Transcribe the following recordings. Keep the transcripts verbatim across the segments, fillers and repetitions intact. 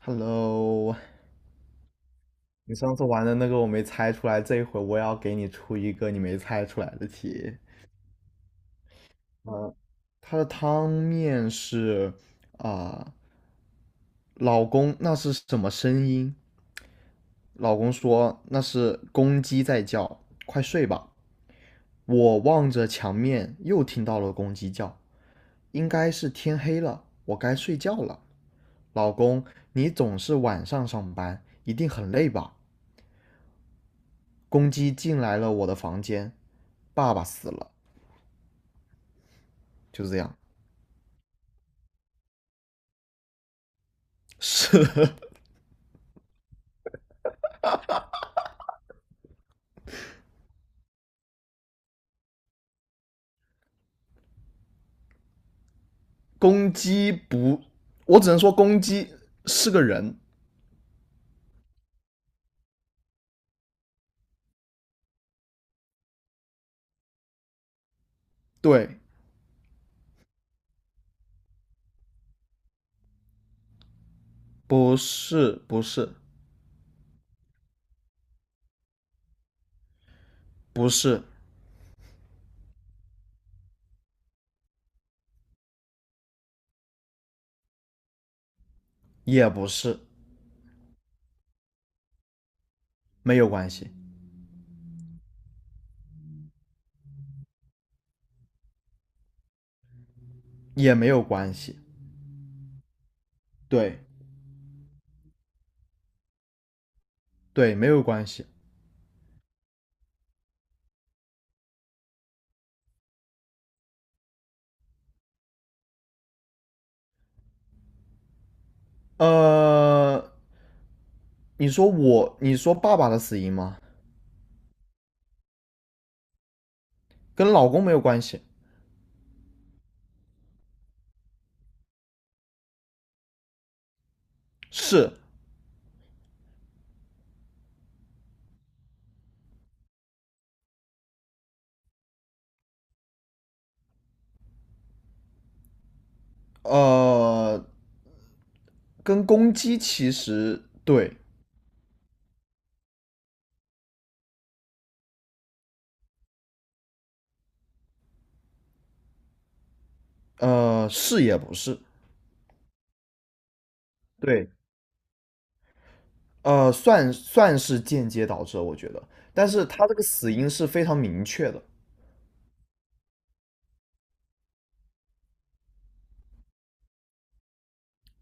Hello，你上次玩的那个我没猜出来，这一回我也要给你出一个你没猜出来的题。它的汤面是啊、呃老公那是什么声音？老公说那是公鸡在叫，快睡吧。我望着墙面，又听到了公鸡叫，应该是天黑了，我该睡觉了。老公，你总是晚上上班，一定很累吧？公鸡进来了我的房间，爸爸死了，就是这样。是 公鸡不，我只能说公鸡是个人。对，不是，不是，不是，也不是，没有关系，也没有关系，对，对，没有关系。呃，你说我，你说爸爸的死因吗？跟老公没有关系。是，呃，跟公鸡其实对。呃，是也不是。对，呃，算算是间接导致了，我觉得，但是他这个死因是非常明确的。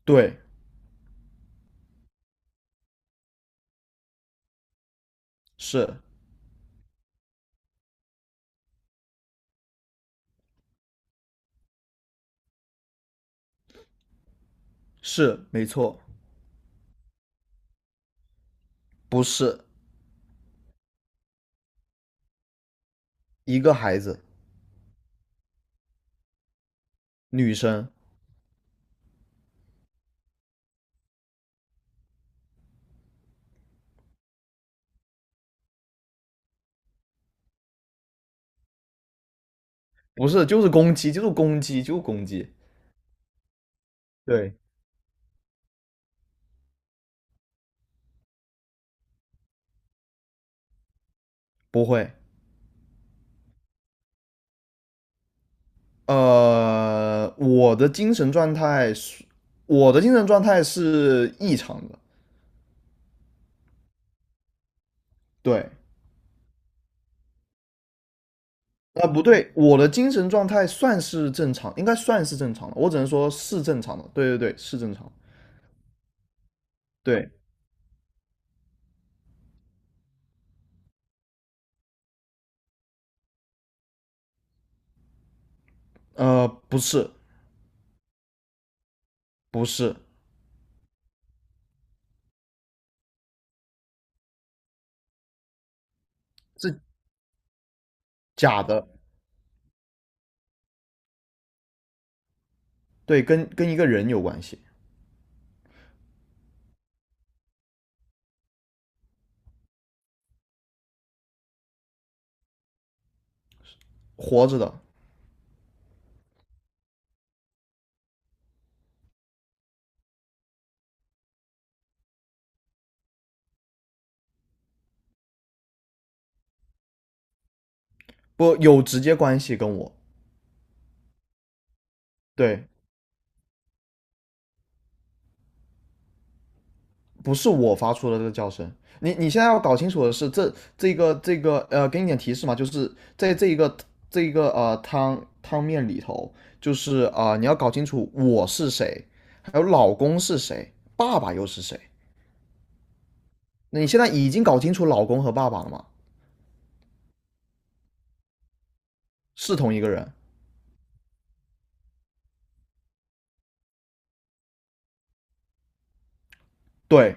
对，是是没错，不是一个孩子，女生，不是就是攻击，就是攻击，就是攻击。对，不会。呃，我的精神状态是，我的精神状态是异常的。对，啊，不对，我的精神状态算是正常，应该算是正常的。我只能说是正常的。对对对，是正常的。对，呃，不是，不是，是假的。对，跟跟一个人有关系，活着的不有直接关系跟我。对，不是我发出的这个叫声。你你现在要搞清楚的是，这这个这个呃，给你点提示嘛，就是在这一个这一个呃汤汤面里头，就是啊、呃你要搞清楚我是谁，还有老公是谁，爸爸又是谁。那你现在已经搞清楚老公和爸爸了吗？是同一个人。对，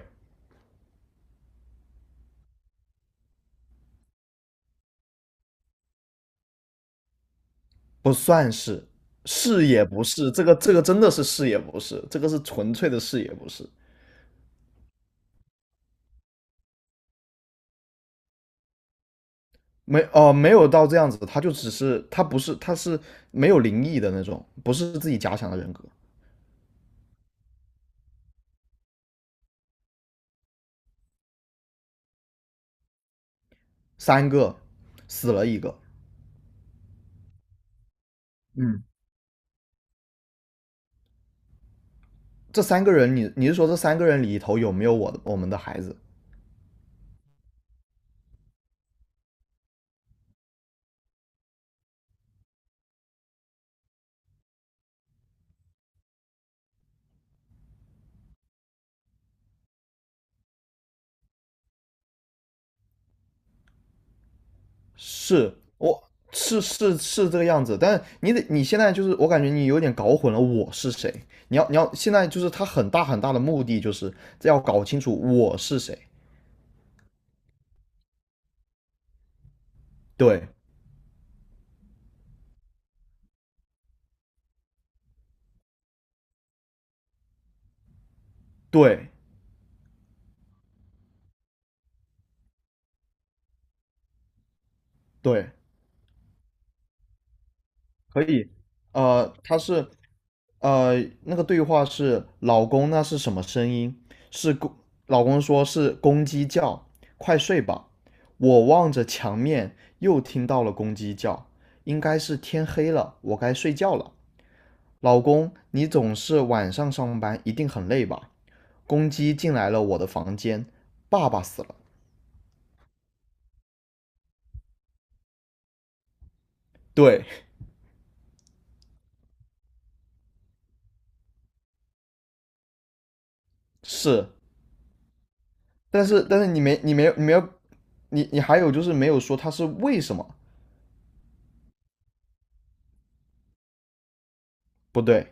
不算是，是也不是，这个这个真的是是也不是，这个是纯粹的是也不是。没哦、没有到这样子，他就只是他不是他是没有灵异的那种，不是自己假想的人格。三个死了一个。嗯，这三个人你你是说这三个人里头有没有我的我们的孩子？是我是是是这个样子，但你得你现在就是我感觉你有点搞混了我是谁，你要你要现在就是他很大很大的目的就是要搞清楚我是谁。对对对，可以。呃，他是呃，那个对话是老公，那是什么声音？是公，老公说是公鸡叫，快睡吧。我望着墙面，又听到了公鸡叫，应该是天黑了，我该睡觉了。老公，你总是晚上上班，一定很累吧？公鸡进来了我的房间，爸爸死了。对，是但是但是你没你没有你没有你你还有就是没有说它是为什么不对，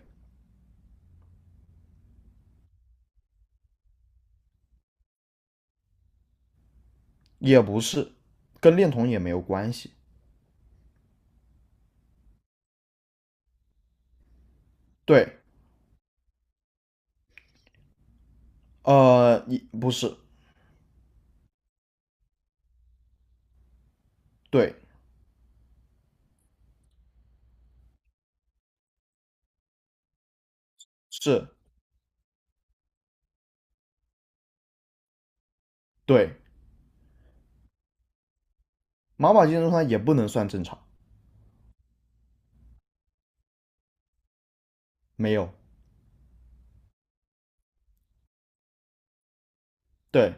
也不是，跟恋童也没有关系。对，呃，你不是。对，是，对，妈宝金状它也不能算正常，没有，对，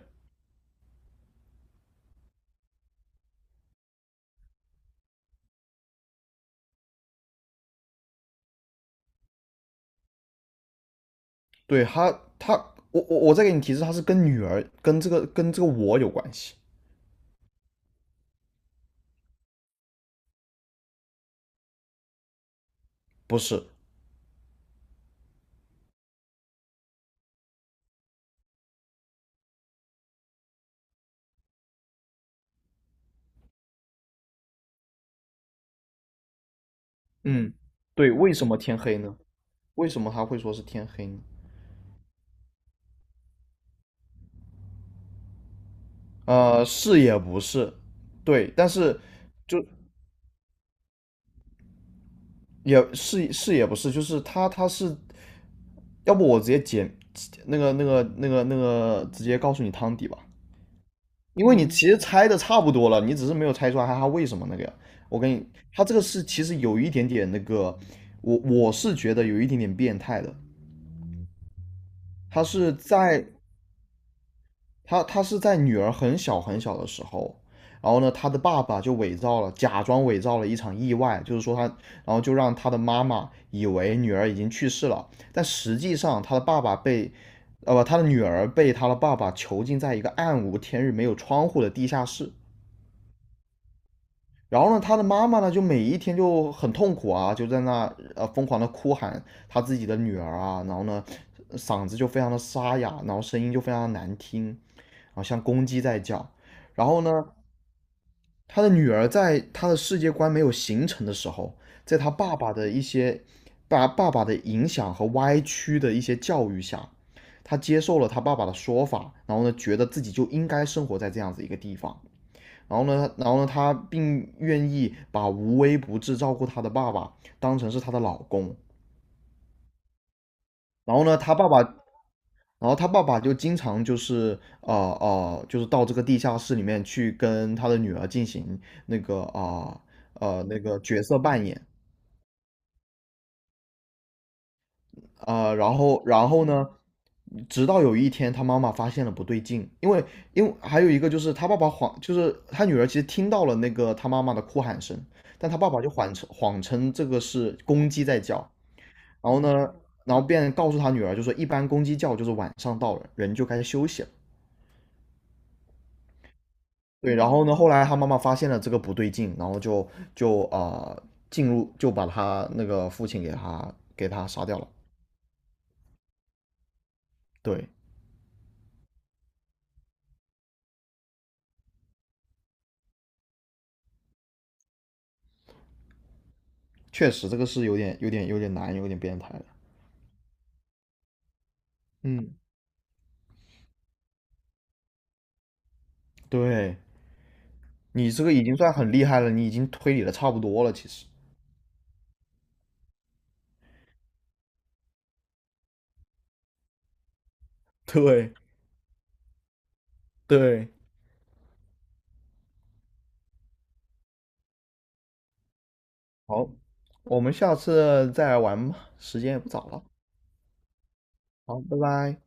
对，他他我我我再给你提示，他是跟女儿跟这个跟这个我有关系，不是，嗯，对，为什么天黑呢？为什么他会说是天黑呢？呃，是也不是，对，但是也是是也不是，就是他他是要不我直接剪那个那个那个那个直接告诉你汤底吧，因为你其实猜的差不多了，你只是没有猜出来他为什么那个呀。我跟你，他这个是其实有一点点那个，我我是觉得有一点点变态的。他是在他他是在女儿很小很小的时候，然后呢，他的爸爸就伪造了，假装伪造了一场意外，就是说他，然后就让他的妈妈以为女儿已经去世了，但实际上他的爸爸被，呃不，他的女儿被他的爸爸囚禁在一个暗无天日、没有窗户的地下室。然后呢，他的妈妈呢，就每一天就很痛苦啊，就在那呃疯狂的哭喊他自己的女儿啊，然后呢，嗓子就非常的沙哑，然后声音就非常的难听，好像公鸡在叫。然后呢，他的女儿在他的世界观没有形成的时候，在他爸爸的一些爸爸爸的影响和歪曲的一些教育下，他接受了他爸爸的说法，然后呢，觉得自己就应该生活在这样子一个地方。然后呢，然后呢，他并愿意把无微不至照顾他的爸爸当成是他的老公。然后呢，他爸爸然后他爸爸就经常就是呃呃，就是到这个地下室里面去跟他的女儿进行那个啊呃，呃那个角色扮演啊呃，然后然后呢，直到有一天他妈妈发现了不对劲，因为因为还有一个就是他爸爸谎，就是他女儿其实听到了那个他妈妈的哭喊声，但他爸爸就谎称谎称这个是公鸡在叫，然后呢，然后便告诉他女儿就说一般公鸡叫就是晚上到了，人就该休息了。对，然后呢，后来他妈妈发现了这个不对劲，然后就就啊、呃进入就把他那个父亲给他给他杀掉了。对，确实这个是有点有点有点难，有点变态的。嗯，对，你这个已经算很厉害了，你已经推理的差不多了，其实。对对，好，我们下次再来玩吧，时间也不早了。好，拜拜。